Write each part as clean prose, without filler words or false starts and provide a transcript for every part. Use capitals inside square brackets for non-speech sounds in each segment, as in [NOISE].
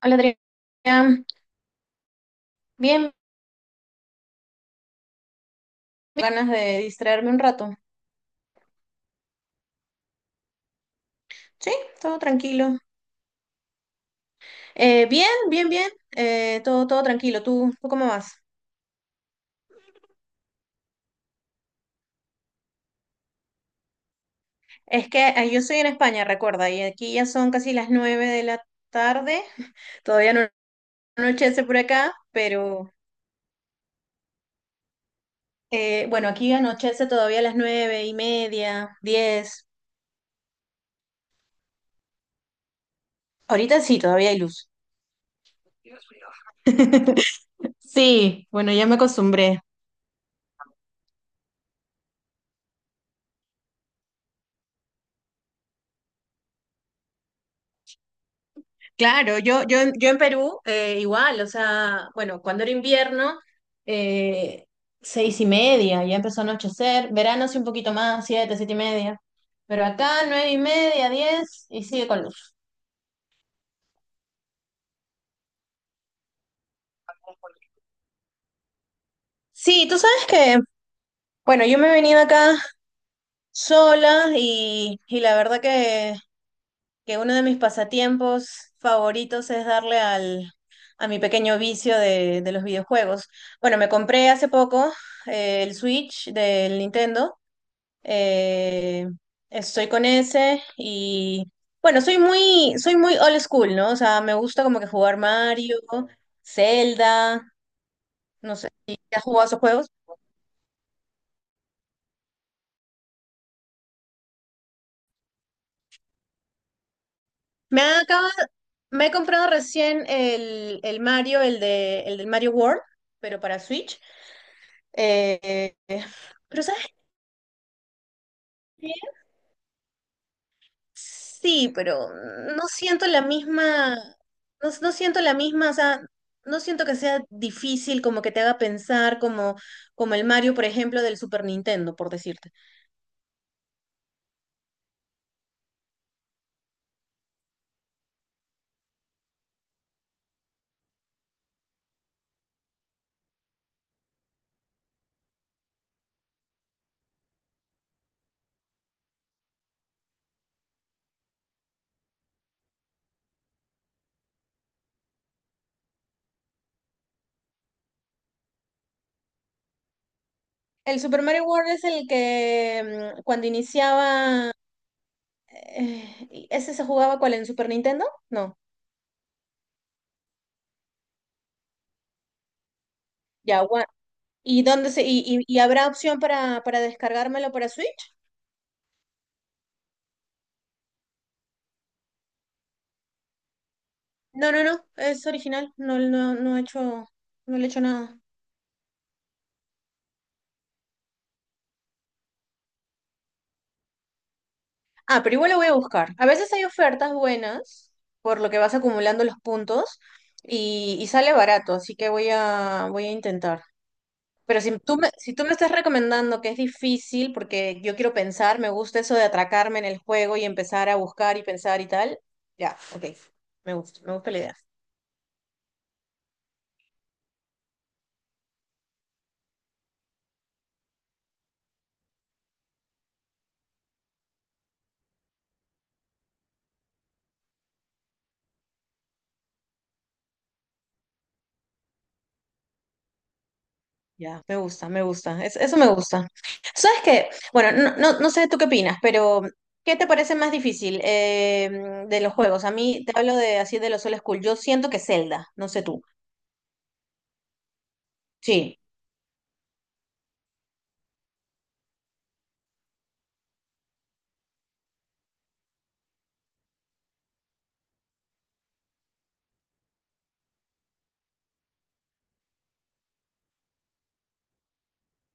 Hola Adrián, bien, ganas de distraerme un rato. Sí, todo tranquilo. Bien, bien, bien, todo tranquilo. Tú cómo vas? Es que yo soy en España, recuerda, y aquí ya son casi las 9 de la tarde. Todavía no anochece por acá, pero bueno, aquí anochece todavía a las 9:30, 10. Ahorita sí, todavía hay luz. [LAUGHS] Sí, bueno, ya me acostumbré. Claro, yo en Perú igual, o sea, bueno, cuando era invierno, eh, 6:30, ya empezó a anochecer, verano sí un poquito más, siete y media, pero acá 9:30, 10 y sigue con luz. Sí, tú sabes que, bueno, yo me he venido acá sola y la verdad que uno de mis pasatiempos favoritos es darle a mi pequeño vicio de los videojuegos. Bueno, me compré hace poco el Switch del Nintendo. Eh, Estoy con ese y bueno, soy muy old school, ¿no? O sea, me gusta como que jugar Mario, Zelda, no sé si has jugado esos juegos. Me acaba- Me he comprado recién el Mario, el del Mario World, pero para Switch. Eh, eh, pero ¿sabes qué? Sí, pero no siento la misma, no siento la misma, o sea, no siento que sea difícil como que te haga pensar como el Mario, por ejemplo, del Super Nintendo, por decirte. El Super Mario World es el que cuando iniciaba, y ¿ese se jugaba cuál en Super Nintendo? No, ya, ¿Y dónde se, y habrá opción para descargármelo para Switch? No, no, no, es original, no, no, no he hecho, no le he hecho nada. Ah, pero igual lo voy a buscar. A veces hay ofertas buenas, por lo que vas acumulando los puntos y sale barato, así que voy a, voy a intentar. Pero si tú me estás recomendando que es difícil, porque yo quiero pensar, me gusta eso de atracarme en el juego y empezar a buscar y pensar y tal, ya, ok, me gusta la idea. Ya, me gusta, me gusta. Eso me gusta. ¿Sabes qué? Bueno, no, no, no sé tú qué opinas, pero ¿qué te parece más difícil de los juegos? A mí te hablo de así de los old school. Yo siento que Zelda, no sé tú. Sí.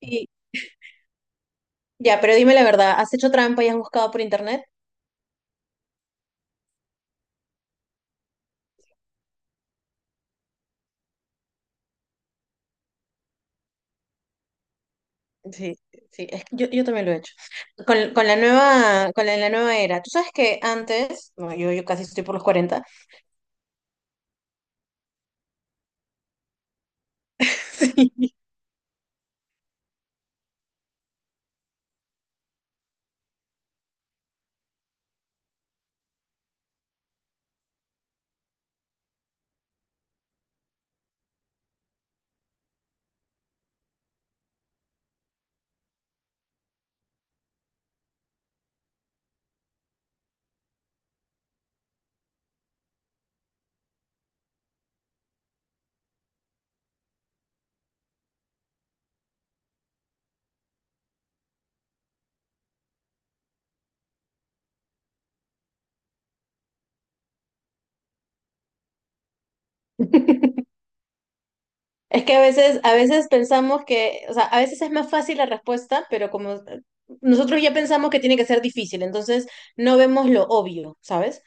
Y ya, pero dime la verdad, ¿has hecho trampa y has buscado por internet? Sí, sí, es que yo también lo he hecho. Con la nueva, la nueva era. Tú sabes que antes, bueno, yo casi estoy por los 40. [LAUGHS] Sí. Es que a veces pensamos que, o sea, a veces es más fácil la respuesta, pero como nosotros ya pensamos que tiene que ser difícil, entonces no vemos lo obvio, ¿sabes?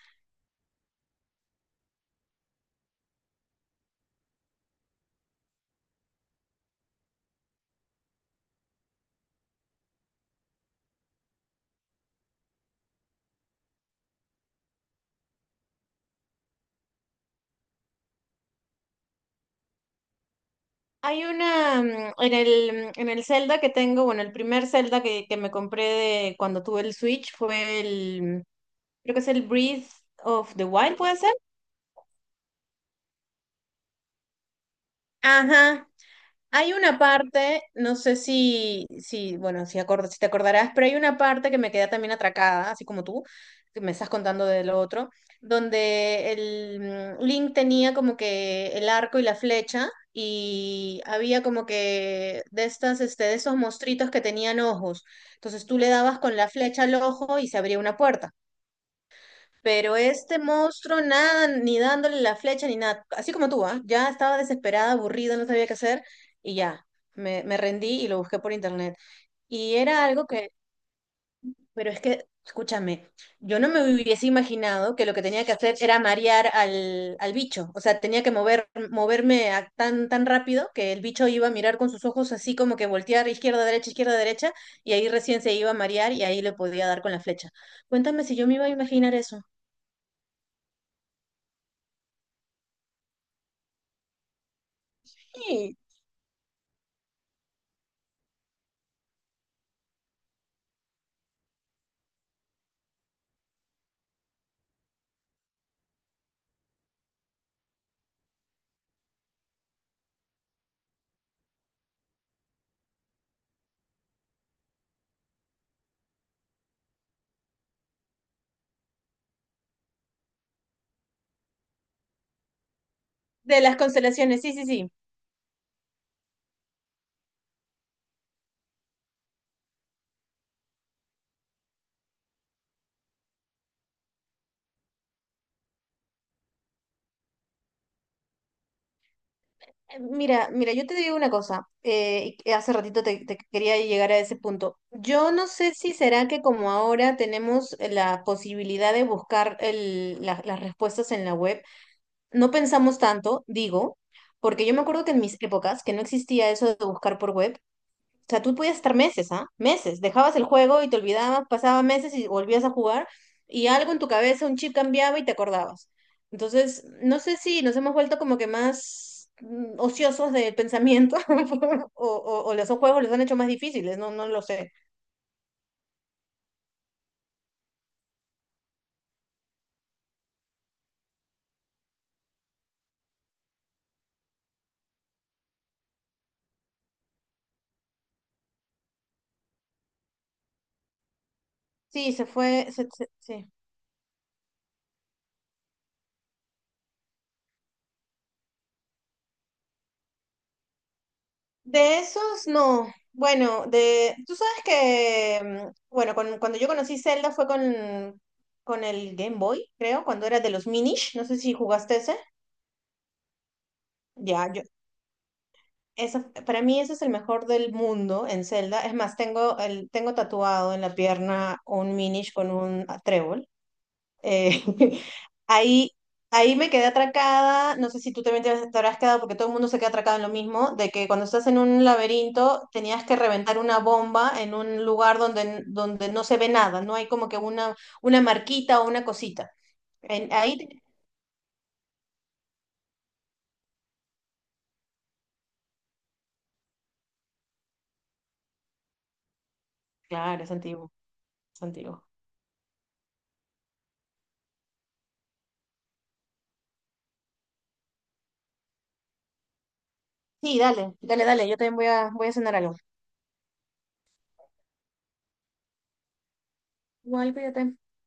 Hay una, en en el Zelda que tengo, bueno, el primer Zelda que me compré de cuando tuve el Switch fue el, creo que es el Breath of the Wild, ¿puede ser? Ajá. Hay una parte, no sé bueno, si, si te acordarás, pero hay una parte que me queda también atracada, así como tú, que me estás contando de lo otro, donde el Link tenía como que el arco y la flecha y había como que de estas, este, de esos monstruitos que tenían ojos. Entonces tú le dabas con la flecha al ojo y se abría una puerta. Pero este monstruo, nada, ni dándole la flecha ni nada, así como tú, ¿ah? Ya estaba desesperada, aburrida, no sabía qué hacer y ya, me rendí y lo busqué por internet. Y era algo que, pero es que, escúchame, yo no me hubiese imaginado que lo que tenía que hacer era marear al bicho, o sea, tenía que moverme tan rápido que el bicho iba a mirar con sus ojos así como que voltear izquierda, derecha, y ahí recién se iba a marear y ahí le podía dar con la flecha. Cuéntame si yo me iba a imaginar eso. De las constelaciones, sí, sí, sí. Mira, mira, yo te digo una cosa, y hace ratito te quería llegar a ese punto. Yo no sé si será que como ahora tenemos la posibilidad de buscar las respuestas en la web, no pensamos tanto, digo, porque yo me acuerdo que en mis épocas, que no existía eso de buscar por web. O sea, tú podías estar meses, ¿ah? Meses. Dejabas el juego y te olvidabas, pasaba meses y volvías a jugar y algo en tu cabeza, un chip cambiaba y te acordabas. Entonces, no sé si nos hemos vuelto como que más ociosos del pensamiento [LAUGHS] o los juegos los han hecho más difíciles, no, no lo sé. Sí, se fue, sí. De esos, no. Bueno, de, tú sabes que, bueno, cuando yo conocí Zelda fue con el Game Boy, creo, cuando era de los Minish, no sé si jugaste ese. Ya, yo, eso, para mí ese es el mejor del mundo en Zelda. Es más, tengo tatuado en la pierna un Minish con un trébol. Eh, [LAUGHS] ahí, ahí me quedé atracada. No sé si tú también te habrás quedado porque todo el mundo se queda atracado en lo mismo, de que cuando estás en un laberinto tenías que reventar una bomba en un lugar donde, donde no se ve nada, no hay como que una marquita o una cosita. En- ahí, te- claro, es antiguo, es antiguo. Sí, dale, dale, dale, yo también voy a, voy a cenar algo. Igual, cuídate.